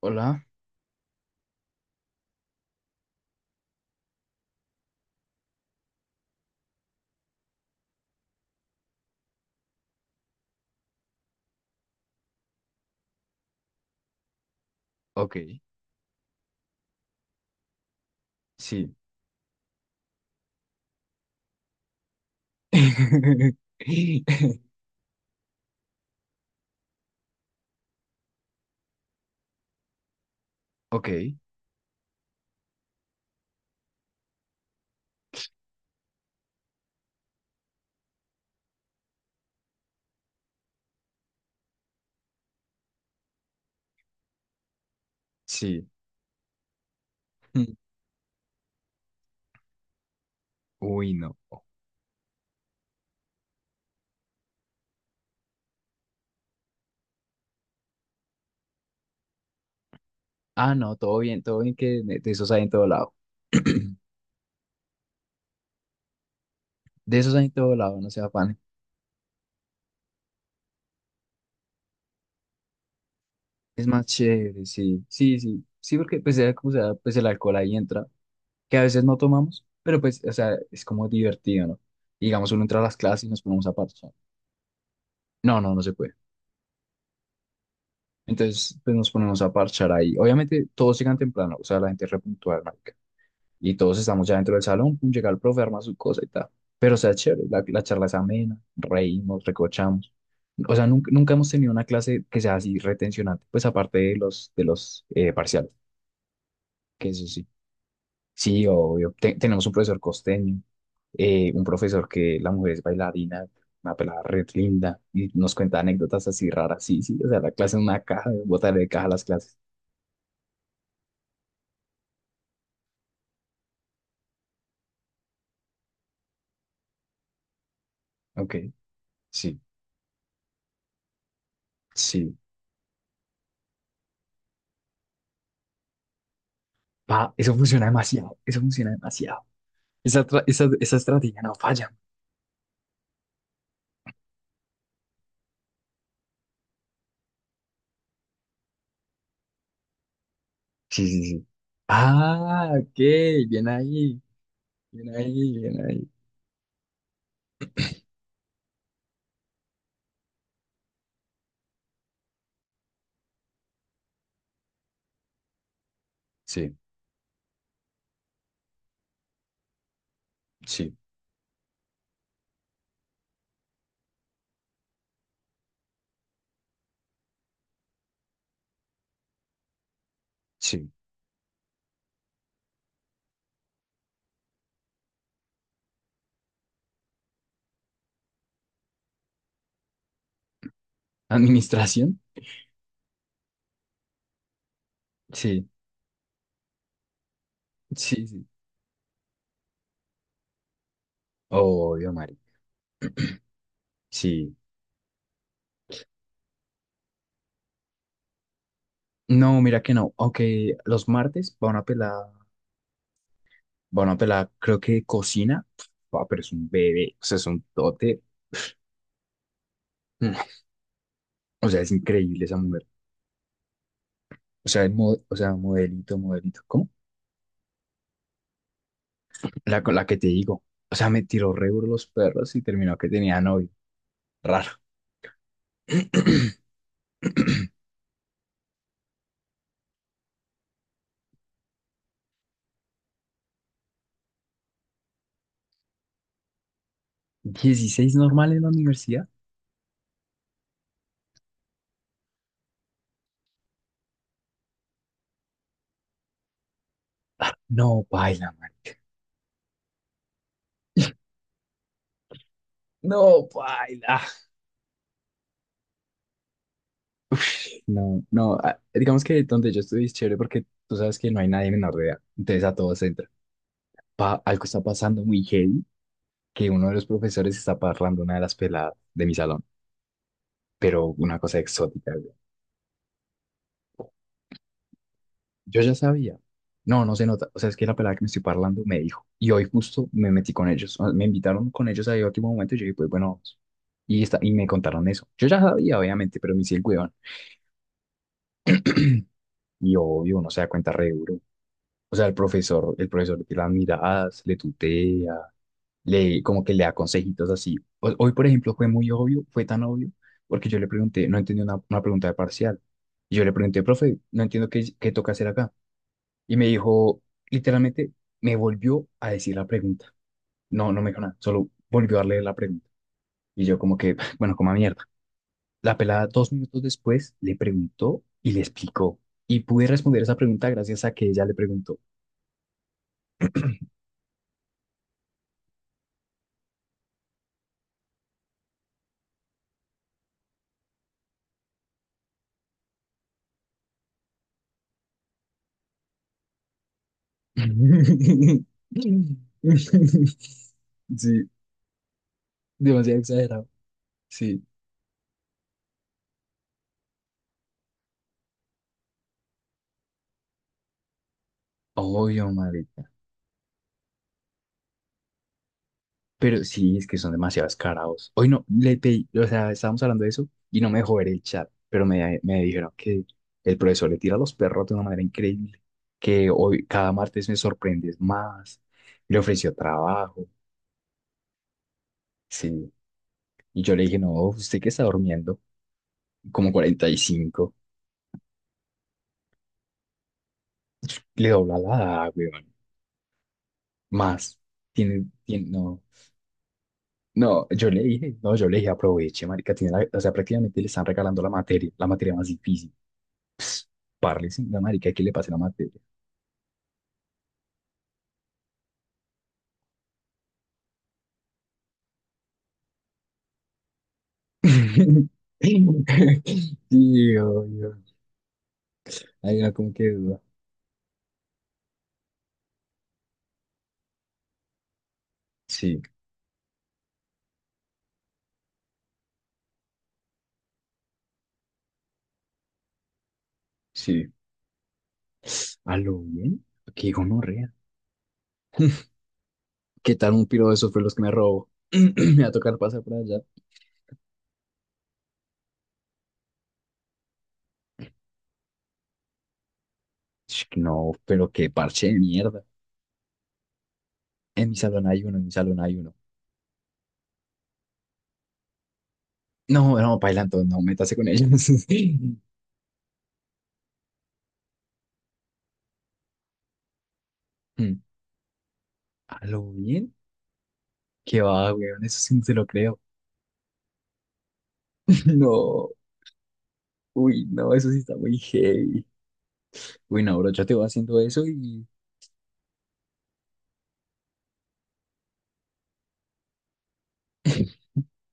Hola, ok, sí. Ok, sí. Uy, no. Ah, no, todo bien que de esos hay en todo lado. De esos hay en todo lado, no se afane. Es más chévere, sí, sí, sí. Sí, porque pues sea como sea, pues el alcohol ahí entra, que a veces no tomamos, pero pues, o sea, es como divertido, ¿no? Digamos, uno entra a las clases y nos ponemos a parchar. No, no, no se puede. Entonces, pues nos ponemos a parchar ahí. Obviamente, todos llegan temprano, o sea, la gente es repuntual, y todos estamos ya dentro del salón, pum, llega el profe, arma su cosa y tal. Pero o sea, chévere, la charla es amena, reímos, recochamos. O sea, nunca, nunca hemos tenido una clase que sea así retencionante, pues aparte de los parciales, que eso sí. Sí, obvio. Tenemos un profesor costeño, un profesor que la mujer es bailarina, una pelada red linda, y nos cuenta anécdotas así raras. Sí, sí, o sea, la clase es una caja, botar de caja las clases. Ok, sí, sí. Pa, eso funciona demasiado, eso funciona demasiado. Esa estrategia no falla. Sí, sí, sí. Ah, ok, bien ahí, bien ahí, bien ahí. Sí, sí, sí. ¿Administración? Sí, sí, sí. Obvio, Mari. Sí. No, mira que no. Aunque los martes van a pelar, creo que cocina. Ah, pero es un bebé, o sea, es un tote. Mm. O sea, es increíble esa mujer. O sea, el o sea, modelito, modelito. ¿Cómo? La, con la que te digo. O sea, me tiró re duro los perros y terminó que tenía novio. Raro. 16 normal en la universidad. No, baila, marica. No, baila. No, no. Ah, digamos que donde yo estudié es chévere porque tú sabes que no hay nadie menor de edad. Entonces a todos entra. Pa- algo está pasando muy heavy que uno de los profesores está parrando una de las peladas de mi salón. Pero una cosa exótica. Yo ya sabía. No, no se nota. O sea, es que la pelada que me estoy parlando me dijo. Y hoy justo me metí con ellos. O sea, me invitaron con ellos ahí a último momento y yo dije, pues bueno, vamos. Y, está, y me contaron eso. Yo ya sabía, obviamente, pero me hice el huevón. Y obvio, uno se da cuenta re duro. O sea, el profesor te las miradas, le tutea, le, como que le da consejitos así. Hoy, por ejemplo, fue muy obvio, fue tan obvio, porque yo le pregunté, no entendí una pregunta de parcial. Y yo le pregunté, profe, no entiendo qué toca hacer acá. Y me dijo, literalmente, me volvió a decir la pregunta. No, no me dijo nada, solo volvió a leer la pregunta. Y yo como que, bueno, como a mierda. La pelada 2 minutos después le preguntó y le explicó. Y pude responder esa pregunta gracias a que ella le preguntó. Sí, demasiado exagerado. Sí, obvio, marica. Pero sí, es que son demasiado carados. Hoy no, le pedí, o sea, estábamos hablando de eso y no me dejó ver el chat, pero me dijeron que el profesor le tira a los perros de una manera increíble, que hoy, cada martes me sorprendes más. Le ofreció trabajo, sí. Y yo le dije, no, usted que está durmiendo, como 45, le dobla la edad, weón. Más, tiene, no, no, yo le dije, no, yo le dije, aproveche, marica, tiene la- o sea, prácticamente le están regalando la materia más difícil. Parle sí, la marica, ¿qué le pasa a la materia? Sí, obvio. Ahí no como que duda. Sí, sí. ¿A lo bien? Qué gonorrea. ¿Qué tal un piro de esos fue los que me robó? Me va a tocar pasar por allá. Sh, no, pero qué parche de mierda. En mi salón hay uno, en mi salón hay uno. No, no, bailando, no, métase con ellos. Mm. ¿A lo bien? ¿Qué va, weón? Eso sí no se lo creo. No, uy, no, eso sí está muy heavy. Uy, no, bro, yo te voy haciendo eso y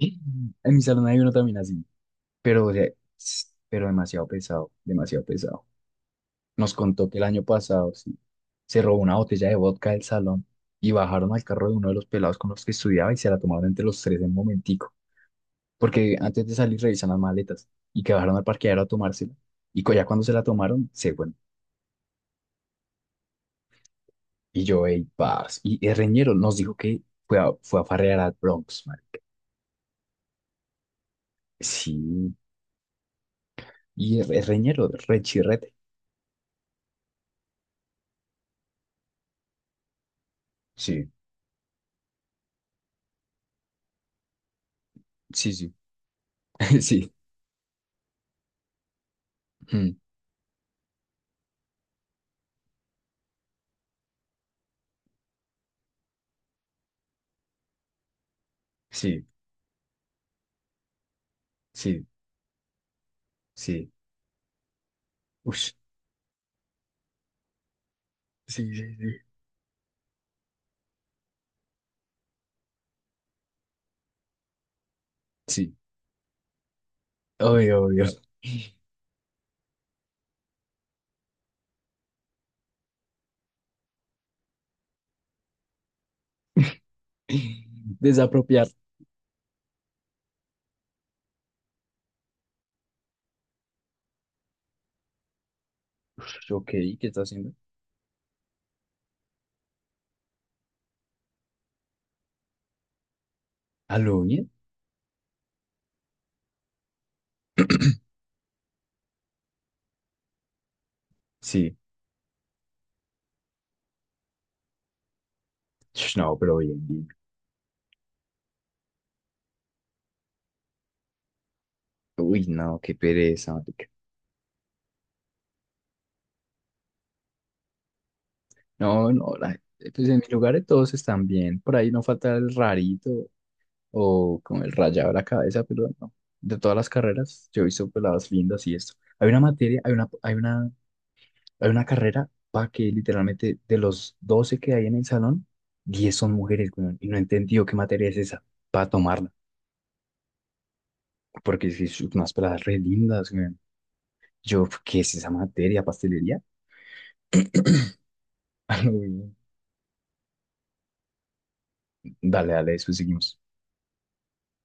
en mi salón hay uno también así, pero, o sea, pero demasiado pesado, demasiado pesado. Nos contó que el año pasado, sí, se robó una botella de vodka del salón y bajaron al carro de uno de los pelados con los que estudiaba y se la tomaron entre los tres en un momentico, porque antes de salir revisan las maletas y que bajaron al parqueadero a tomársela. Y ya cuando se la tomaron, se fueron. Y yo, ey, paz. Y el reñero nos dijo que fue a farrear al Bronx, man. Sí, y el reñero, rechirrete. Sí, sí, sí, sí. うん。Sí, sí, sí. Sí. Ush, sí, sí, sí. Sí. Obvio, obvio. Desapropiar. Ush, ok, ¿qué está haciendo? ¿A lo bien? Sí. Ush, no, pero bien, bien. Uy, no, qué pereza, marica. No, no, pues en mi lugar todos están bien. Por ahí no falta el rarito o con el rayado de la cabeza, pero no. De todas las carreras, yo he visto peladas lindas y esto. Hay una materia, hay una, hay una Hay una carrera para que literalmente de los 12 que hay en el salón, 10 son mujeres, weón, y no he entendido qué materia es esa para tomarla, porque si es que son unas peladas re lindas, weón. Yo, ¿qué es esa materia? ¿Pastelería? Dale, dale, después seguimos.